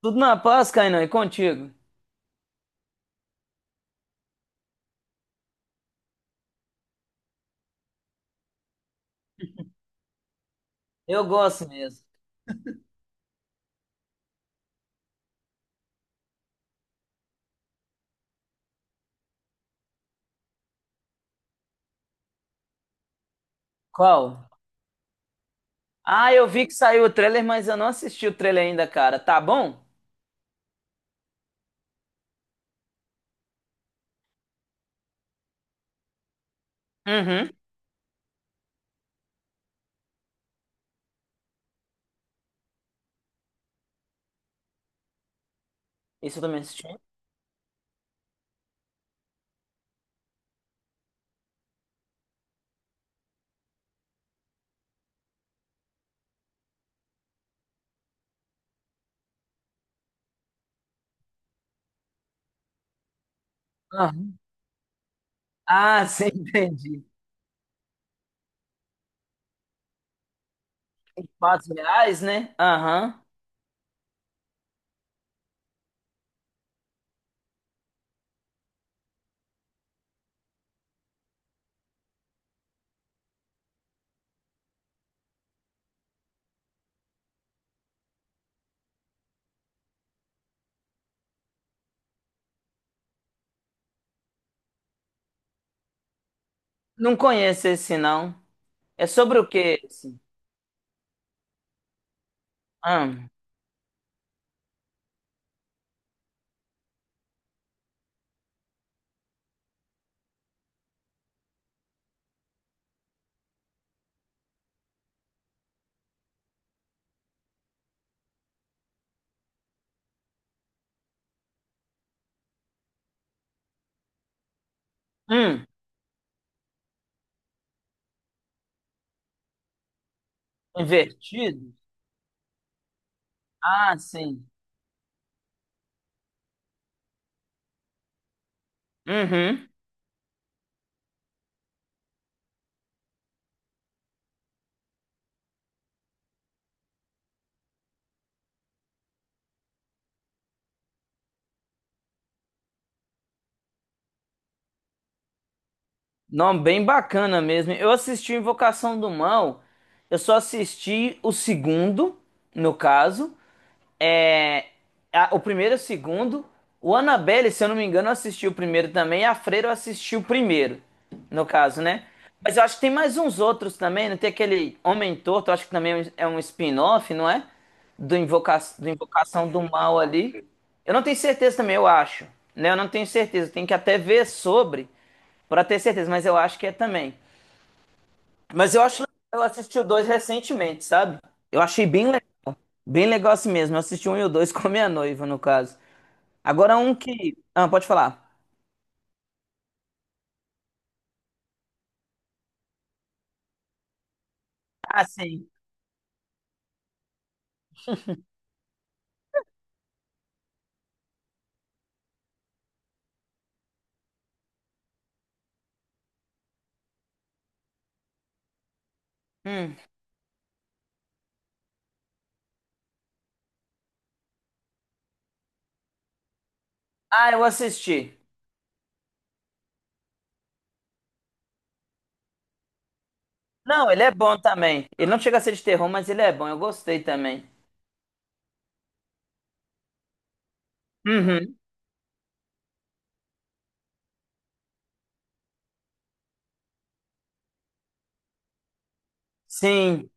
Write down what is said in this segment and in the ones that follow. Tudo na paz, Kainan, e contigo? Eu gosto mesmo. Qual? Ah, eu vi que saiu o trailer, mas eu não assisti o trailer ainda, cara. Tá bom? Uhum. Isso eu também assisti. Aham. Ah, sim, entendi. Em fatos reais, né? Aham. Não conheço esse, não. É sobre o quê esse? Hum. Hum. Invertido? Ah, sim. Uhum. Não, bem bacana mesmo. Eu assisti Invocação do Mal. Eu só assisti o segundo, no caso. É, o primeiro e o segundo. O Annabelle, se eu não me engano, assistiu o primeiro também. A Freira assistiu o primeiro, no caso, né? Mas eu acho que tem mais uns outros também. Não tem aquele Homem Torto, eu acho que também é um spin-off, não é? Do Invocação do Mal ali. Eu não tenho certeza também, eu acho. Né? Eu não tenho certeza. Eu tenho que até ver sobre para ter certeza, mas eu acho que é também. Mas eu acho legal, eu assisti o dois recentemente, sabe? Eu achei bem legal. Bem legal assim mesmo. Eu assisti um e o dois com a minha noiva, no caso. Agora um que. Ah, pode falar. Ah, sim. Hum. Ah, eu assisti. Não, ele é bom também. Ele não chega a ser de terror, mas ele é bom. Eu gostei também. Uhum. Sim.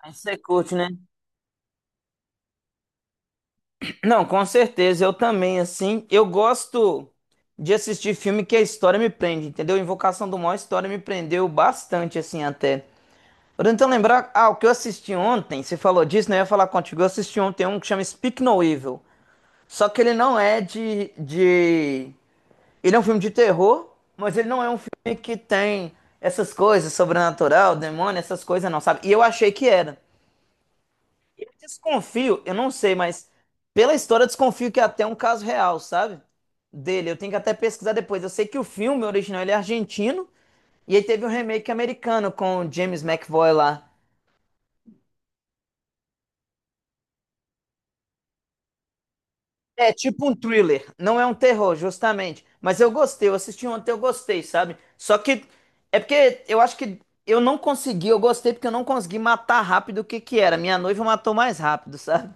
Aí você curte, né? Não, com certeza. Eu também, assim. Eu gosto de assistir filme que a história me prende, entendeu? Invocação do Mal, a história me prendeu bastante, assim, até. Tô tentando lembrar. Ah, o que eu assisti ontem, você falou disso, né? Eu ia falar contigo. Eu assisti ontem um que chama Speak No Evil. Só que ele não é de, de. Ele é um filme de terror, mas ele não é um filme que tem essas coisas, sobrenatural, demônio, essas coisas, não, sabe? E eu achei que era. Eu desconfio, eu não sei, mas pela história eu desconfio que é até um caso real, sabe? Dele. Eu tenho que até pesquisar depois. Eu sei que o filme original ele é argentino, e aí teve um remake americano com o James McAvoy lá. É tipo um thriller, não é um terror, justamente. Mas eu gostei, eu assisti ontem, eu gostei, sabe? Só que é porque eu acho que eu não consegui, eu gostei porque eu não consegui matar rápido o que que era. Minha noiva matou mais rápido, sabe?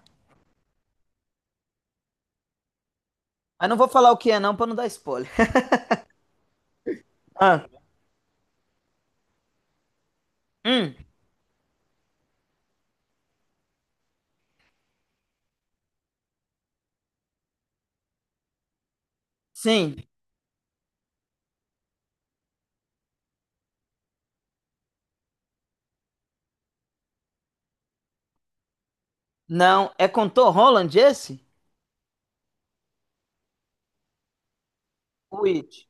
Mas não vou falar o que é não pra não dar spoiler. Ah, hum, sim. Não, é com Tom Holland esse? O It.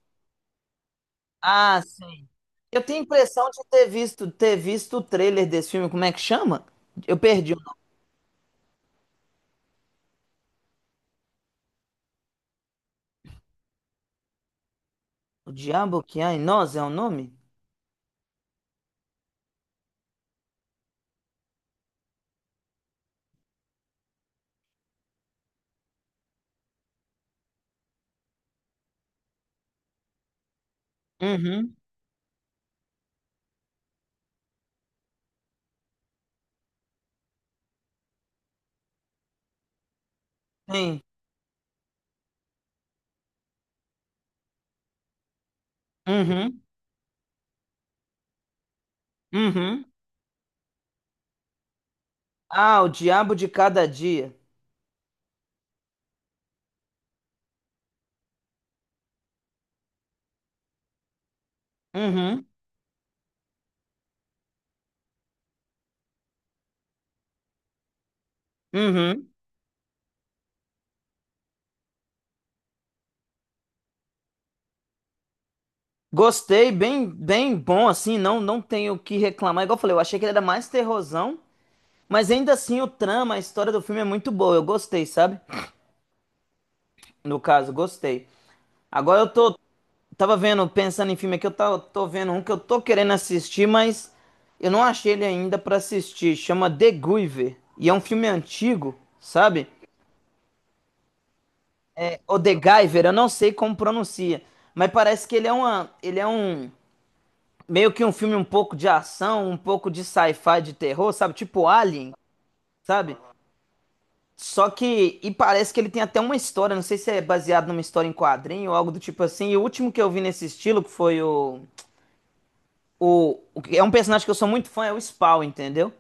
Ah, sim. Eu tenho a impressão de ter visto o trailer desse filme, como é que chama? Eu perdi o nome. O Diabo que há em nós é o nome? Uhum. Sim. Uhum, uhum. Ah, o Diabo de Cada Dia. Uhum, uhum. Gostei, bem, bem bom assim, não tenho o que reclamar. Igual eu falei, eu achei que ele era mais terrorzão, mas ainda assim o trama, a história do filme é muito boa. Eu gostei, sabe? No caso, gostei. Agora eu tô Tava vendo, pensando em filme aqui, tô vendo um que eu tô querendo assistir, mas eu não achei ele ainda pra assistir. Chama The Griever e é um filme antigo, sabe? O The Giver, eu não sei como pronuncia, mas parece que ele é um meio que um filme um pouco de ação, um pouco de sci-fi, de terror, sabe? Tipo Alien, sabe? Só que e Parece que ele tem até uma história, não sei se é baseado numa história em quadrinho ou algo do tipo assim. E o último que eu vi nesse estilo que foi o que é um personagem que eu sou muito fã, é o Spawn, entendeu?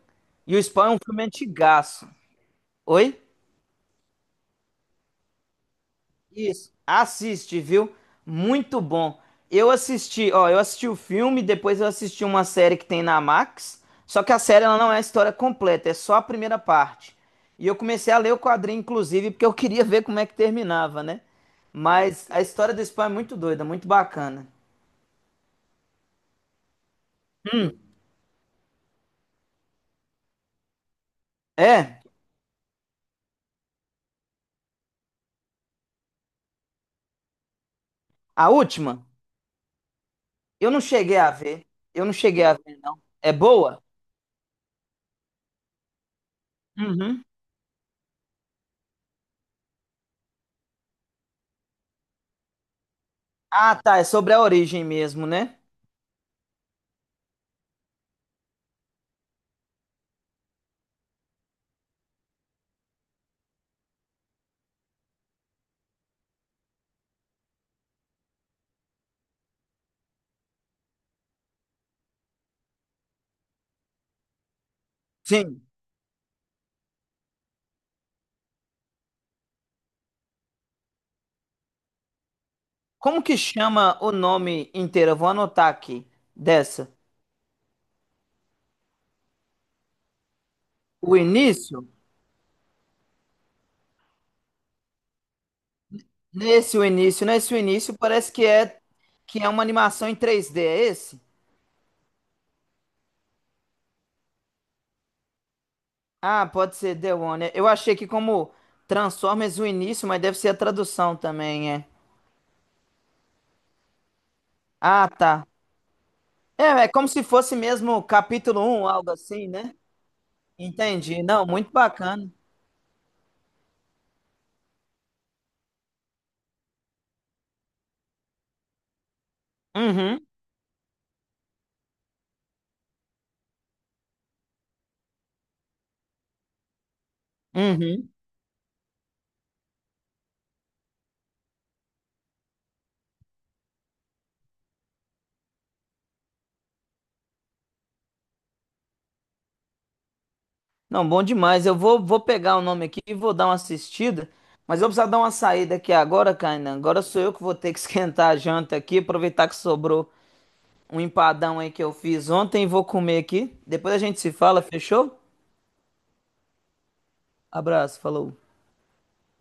E o Spawn é um filme antigaço. Oi? Isso, assiste, viu? Muito bom. Eu assisti, ó, eu assisti o filme, depois eu assisti uma série que tem na Max, só que a série ela não é a história completa, é só a primeira parte. E eu comecei a ler o quadrinho, inclusive, porque eu queria ver como é que terminava, né? Mas a história do Spawn é muito doida, muito bacana. Hum, É, a última, eu não cheguei a ver. Eu não cheguei a ver, não. É boa? Uhum. Ah, tá, é sobre a origem mesmo, né? Sim. Como que chama o nome inteiro? Eu vou anotar aqui dessa. O início? Nesse o início parece que é uma animação em 3D, é esse? Ah, pode ser The One. Eu achei que como Transformers o início, mas deve ser a tradução também, é. Ah, tá. É, é como se fosse mesmo capítulo um, algo assim, né? Entendi. Não, muito bacana. Uhum, uhum. Não, bom demais. Eu vou, vou pegar o nome aqui e vou dar uma assistida. Mas eu vou precisar dar uma saída aqui agora, Kainan. Agora sou eu que vou ter que esquentar a janta aqui. Aproveitar que sobrou um empadão aí que eu fiz ontem. Vou comer aqui. Depois a gente se fala, fechou? Abraço, falou.